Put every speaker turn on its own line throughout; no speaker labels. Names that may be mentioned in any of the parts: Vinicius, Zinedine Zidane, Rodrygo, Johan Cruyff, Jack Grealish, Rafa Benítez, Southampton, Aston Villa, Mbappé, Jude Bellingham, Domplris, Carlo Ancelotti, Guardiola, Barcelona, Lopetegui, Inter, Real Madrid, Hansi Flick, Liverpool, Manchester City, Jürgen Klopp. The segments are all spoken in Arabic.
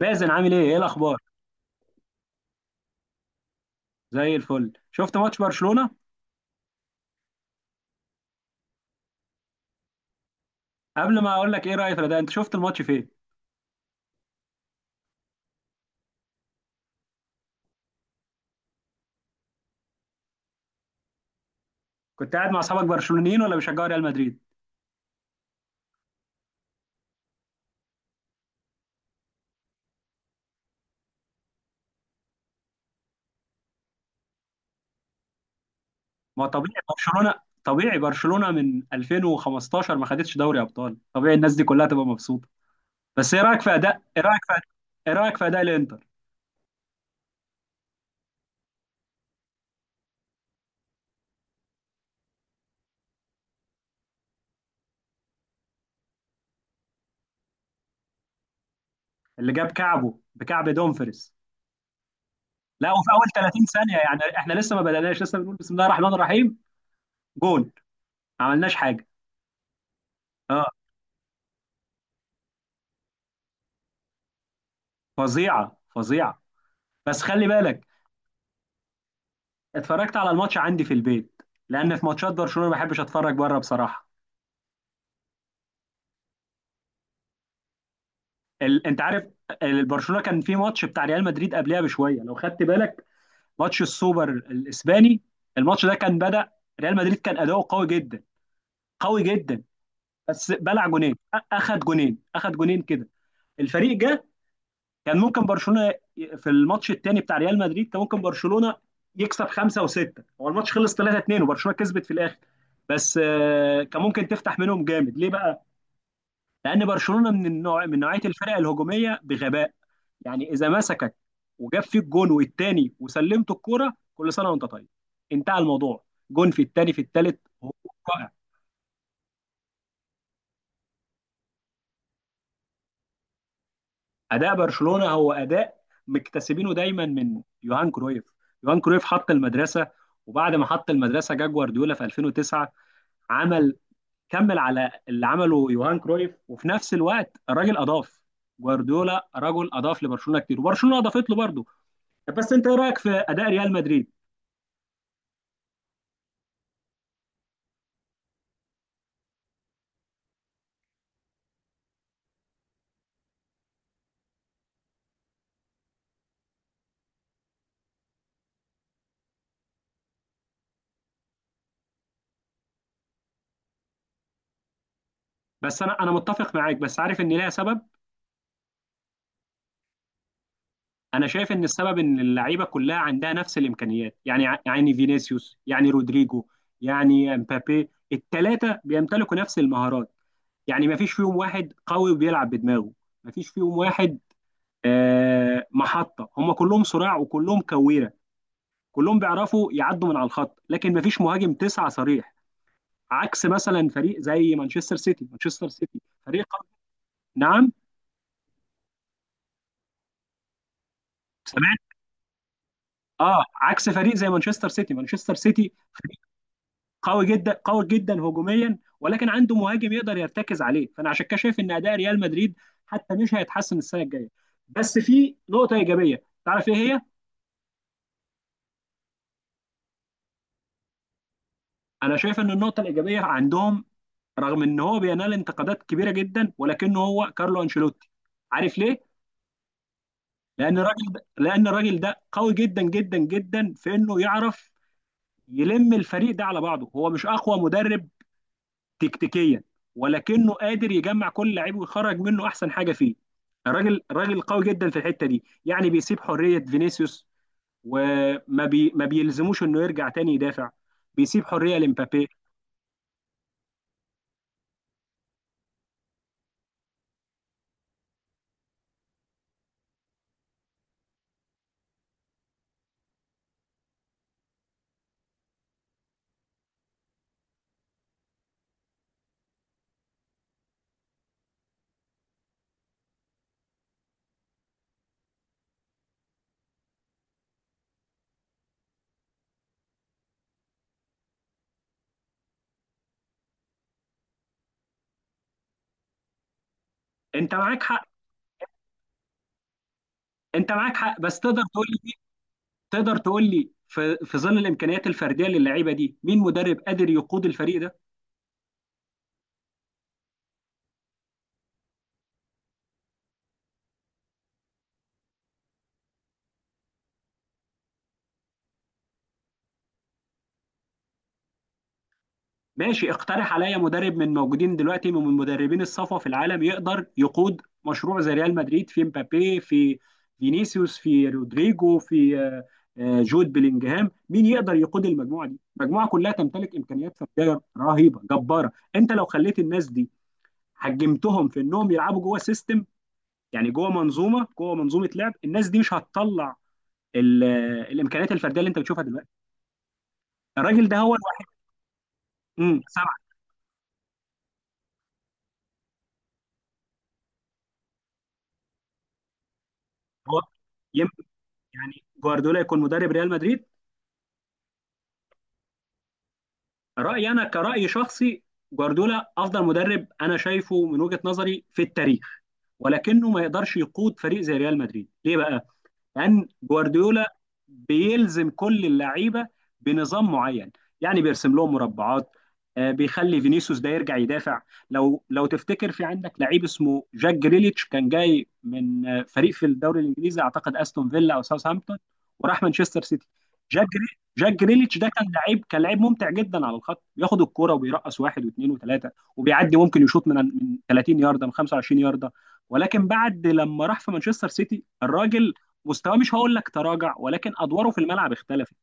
باسل، عامل ايه؟ ايه الاخبار؟ زي الفل. شفت ماتش برشلونة؟ قبل ما اقول لك ايه رايي في ده، انت شفت الماتش فين؟ كنت قاعد مع اصحابك برشلونيين ولا بيشجعوا ريال مدريد؟ ما طبيعي برشلونة. طبيعي برشلونة من 2015 ما خدتش دوري ابطال، طبيعي الناس دي كلها تبقى مبسوطة. بس ايه رايك في اداء، ايه رايك في، ايه رايك في اداء الانتر؟ اللي جاب كعبه بكعب دومفريس. لا، وفي اول 30 ثانية يعني، احنا لسه ما بدأناش، لسه بنقول بسم الله الرحمن الرحيم، جون. ما عملناش حاجة. اه. فظيعة فظيعة. بس خلي بالك، اتفرجت على الماتش عندي في البيت لان في ماتشات برشلونه ما بحبش اتفرج بره بصراحه. انت عارف، برشلونه كان في ماتش بتاع ريال مدريد قبلها بشويه لو خدت بالك، ماتش السوبر الاسباني. الماتش ده كان بدأ ريال مدريد كان اداؤه قوي جدا، قوي جدا، بس بلع جونين، اخد جونين، اخد جونين كده. الفريق جه، كان ممكن برشلونه في الماتش الثاني بتاع ريال مدريد كان ممكن برشلونه يكسب خمسه وسته، هو الماتش خلص 3 2 وبرشلونه كسبت في الاخر. بس كان ممكن تفتح منهم جامد. ليه بقى؟ لان برشلونه من النوع، من نوعيه الفرق الهجوميه بغباء، يعني اذا مسكك وجاب فيك جون والتاني وسلمت الكوره كل سنه وانت طيب، انتهى الموضوع. جون في التاني في التالت، هو رائع. اداء برشلونه هو اداء مكتسبينه دايما من يوهان كرويف. يوهان كرويف حط المدرسه، وبعد ما حط المدرسه جا جوارديولا في 2009، عمل، كمل على اللي عمله يوهان كرويف، وفي نفس الوقت الراجل اضاف. جوارديولا رجل اضاف لبرشلونه كتير وبرشلونه اضافت له برضه. بس انت، ايه رايك في اداء ريال مدريد؟ بس انا متفق معاك، بس عارف ان ليها سبب. انا شايف ان السبب ان اللعيبه كلها عندها نفس الامكانيات، يعني يعني فينيسيوس، يعني رودريجو، يعني امبابي، الثلاثه بيمتلكوا نفس المهارات. يعني ما فيش فيهم واحد قوي وبيلعب بدماغه، ما فيش فيهم واحد. محطه، هم كلهم صراع وكلهم كويره، كلهم بيعرفوا يعدوا من على الخط، لكن ما فيش مهاجم تسعه صريح، عكس مثلا فريق زي مانشستر سيتي. مانشستر سيتي فريق قوي. نعم. اه، عكس فريق زي مانشستر سيتي. مانشستر سيتي فريق قوي جدا، قوي جدا هجوميا، ولكن عنده مهاجم يقدر يرتكز عليه، فانا عشان كده شايف ان اداء ريال مدريد حتى مش هيتحسن السنه الجايه. بس في نقطه ايجابيه، تعرف ايه هي؟ انا شايف ان النقطه الايجابيه عندهم، رغم ان هو بينال انتقادات كبيره جدا ولكنه، هو كارلو انشيلوتي. عارف ليه؟ لان الراجل ده قوي جدا جدا جدا في انه يعرف يلم الفريق ده على بعضه. هو مش اقوى مدرب تكتيكيا، ولكنه قادر يجمع كل لعيب ويخرج منه احسن حاجه فيه. الراجل قوي جدا في الحته دي، يعني بيسيب حريه فينيسيوس، وما بي ما بيلزموش انه يرجع تاني يدافع، بيسيب حريه لمبابي. انت معاك حق انت معاك حق، بس تقدر تقول لي، تقدر تقول لي في، في ظل الامكانيات الفرديه للعيبه دي، مين مدرب قادر يقود الفريق ده؟ ماشي، اقترح عليا مدرب من موجودين دلوقتي، من مدربين الصفوة في العالم يقدر يقود مشروع زي ريال مدريد، في مبابي، في فينيسيوس، في رودريجو، في جود بلينجهام، مين يقدر يقود المجموعة دي؟ المجموعة كلها تمتلك إمكانيات فردية رهيبة جبارة. انت لو خليت الناس دي، حجمتهم في انهم يلعبوا جوه سيستم، يعني جوه منظومة، جوه منظومة لعب، الناس دي مش هتطلع الامكانيات الفردية اللي انت بتشوفها دلوقتي. الراجل ده هو الوحيد. سبعة. هو، يعني جوارديولا يكون مدرب ريال مدريد؟ رأيي أنا كرأي شخصي، جوارديولا أفضل مدرب أنا شايفه من وجهة نظري في التاريخ، ولكنه ما يقدرش يقود فريق زي ريال مدريد. ليه بقى؟ لان جوارديولا بيلزم كل اللعيبه بنظام معين، يعني بيرسم لهم مربعات. بيخلي فينيسيوس ده يرجع يدافع. لو تفتكر، في عندك لعيب اسمه جاك جريليتش، كان جاي من فريق في الدوري الانجليزي، اعتقد استون فيلا او ساوثهامبتون، وراح مانشستر سيتي. جاك جريليتش ده كان لعيب، كان لعيب ممتع جدا على الخط، بياخد الكرة وبيرقص واحد واثنين وثلاثه وبيعدي، ممكن يشوط من، من 30 يارده، من 25 يارده. ولكن بعد لما راح في مانشستر سيتي، الراجل مستواه مش هقول لك تراجع، ولكن ادواره في الملعب اختلفت.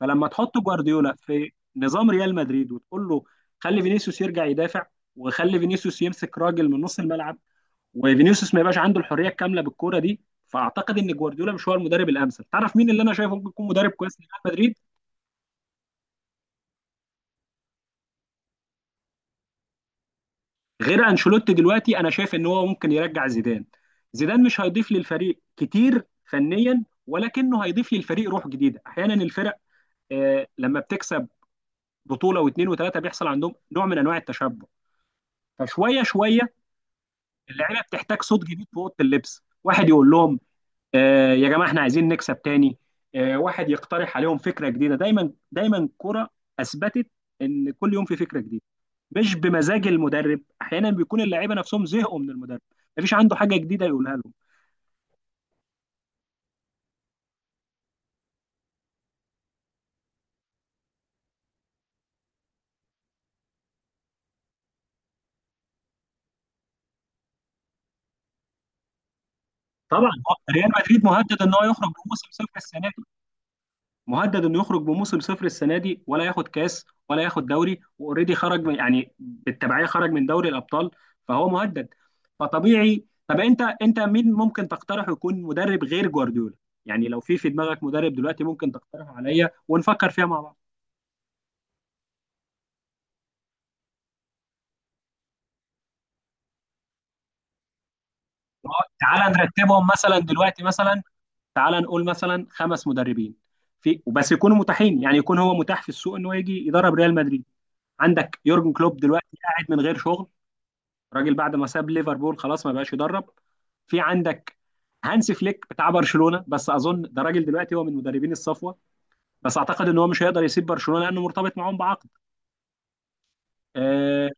فلما تحط جوارديولا في نظام ريال مدريد وتقول له خلي فينيسيوس يرجع يدافع، وخلي فينيسيوس يمسك راجل من نص الملعب، وفينيسيوس ما يبقاش عنده الحريه الكامله بالكوره دي، فاعتقد ان جوارديولا مش هو المدرب الامثل. تعرف مين اللي انا شايفه ممكن يكون مدرب كويس لريال مدريد غير انشيلوتي دلوقتي؟ انا شايف ان هو ممكن يرجع زيدان. زيدان مش هيضيف للفريق كتير فنيا، ولكنه هيضيف للفريق روح جديده. احيانا الفرق، لما بتكسب بطوله واثنين وثلاثه، بيحصل عندهم نوع من انواع التشبع، فشويه شويه اللعيبه بتحتاج صوت جديد في اوضه اللبس، واحد يقول لهم آه يا جماعه، احنا عايزين نكسب تاني. آه، واحد يقترح عليهم فكره جديده، دايما دايما كرة اثبتت ان كل يوم في فكره جديده، مش بمزاج المدرب. احيانا بيكون اللعيبه نفسهم زهقوا من المدرب، مفيش عنده حاجه جديده يقولها لهم. طبعا، ريال مدريد مهدد ان هو يخرج بموسم صفر السنه دي، مهدد انه يخرج بموسم صفر السنه دي، ولا ياخد كاس ولا ياخد دوري، واوريدي خرج من، يعني بالتبعيه خرج من دوري الابطال، فهو مهدد. فطبيعي، طب انت، انت مين ممكن تقترحه يكون مدرب غير جوارديولا؟ يعني لو في، في دماغك مدرب دلوقتي، ممكن تقترحه عليا ونفكر فيها مع بعض. آه، تعال نرتبهم مثلا دلوقتي، مثلا تعال نقول مثلا خمس مدربين في، وبس يكونوا متاحين، يعني يكون هو متاح في السوق انه يجي يدرب ريال مدريد. عندك يورجن كلوب دلوقتي قاعد من غير شغل، الراجل بعد ما ساب ليفربول خلاص ما بقاش يدرب. في عندك هانسي فليك بتاع برشلونه، بس اظن ده راجل دلوقتي هو من مدربين الصفوه، بس اعتقد ان هو مش هيقدر يسيب برشلونه لانه مرتبط معاهم بعقد. آه.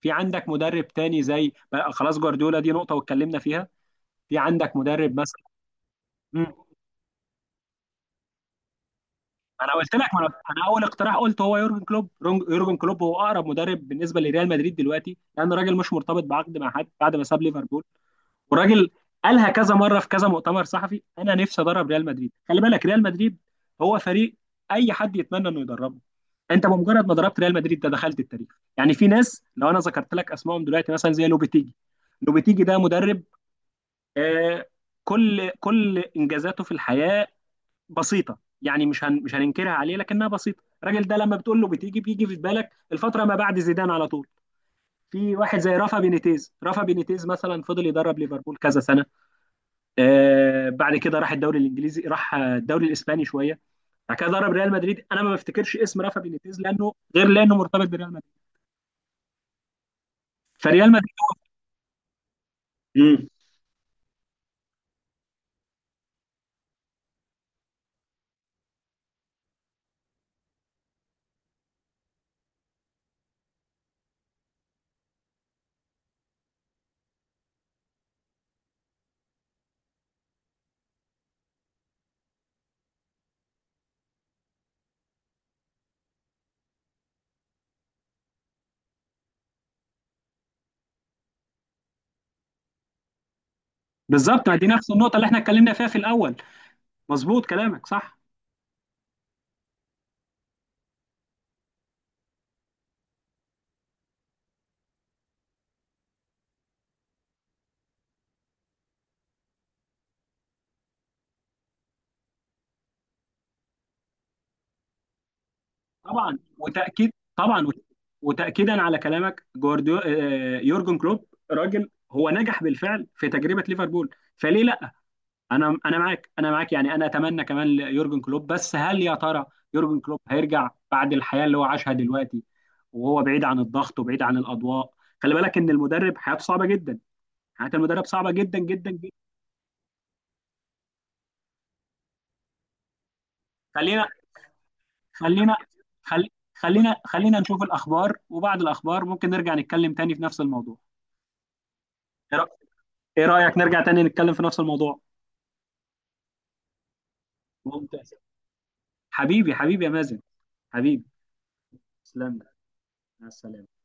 في عندك مدرب تاني زي، بقى خلاص جوارديولا دي نقطه واتكلمنا فيها. في عندك مدرب مثلا. مم. انا قلت لك، ما انا، أنا اول اقتراح قلت هو يورجن كلوب. يورجن كلوب هو اقرب مدرب بالنسبه لريال مدريد دلوقتي، لان الراجل مش مرتبط بعقد مع حد بعد ما ساب ليفربول. وراجل قالها كذا مره في كذا مؤتمر صحفي، انا نفسي ادرب ريال مدريد. خلي بالك، ريال مدريد هو فريق اي حد يتمنى انه يدربه. انت بمجرد ما ضربت ريال مدريد ده دخلت التاريخ. يعني في ناس لو انا ذكرت لك اسمائهم دلوقتي، مثلا زي لوبيتيجي. لوبيتيجي ده مدرب، آه، كل، كل انجازاته في الحياه بسيطه، يعني مش هن، مش هننكرها عليه لكنها بسيطه. الراجل ده لما بتقول له بتيجي، بيجي في بالك الفتره ما بعد زيدان على طول. في واحد زي رافا بينيتيز، رافا بينيتيز مثلا فضل يدرب ليفربول كذا سنه، آه، بعد كده راح الدوري الانجليزي، راح الدوري الاسباني شويه، بعد كده ضرب ريال مدريد. انا ما بفتكرش اسم رافا بينيتيز لانه غير، لانه مرتبط بريال مدريد، فريال مدريد. امم بالظبط، ما دي نفس النقطه اللي احنا اتكلمنا فيها في الاول. مظبوط، كلامك صح. طبعا وتاكيد، طبعا وتاكيدا على كلامك، جوارديو آه، يورجن كلوب راجل هو نجح بالفعل في تجربه ليفربول، فليه؟ انا، انا معاك يعني، انا اتمنى كمان ليورجن كلوب، بس هل يا ترى يورجن كلوب هيرجع بعد الحياه اللي هو عاشها دلوقتي وهو بعيد عن الضغط وبعيد عن الاضواء؟ خلي بالك ان المدرب حياته صعبه جدا، حياه المدرب صعبه جدا جدا جدا. خلينا خلينا خل... خلينا خلينا نشوف الاخبار، وبعد الاخبار ممكن نرجع نتكلم تاني في نفس الموضوع. ايه رأ- إيه رايك نرجع تاني نتكلم في نفس الموضوع؟ ممتاز. حبيبي يا مازن، حبيبي، تسلم لي. مع السلامه.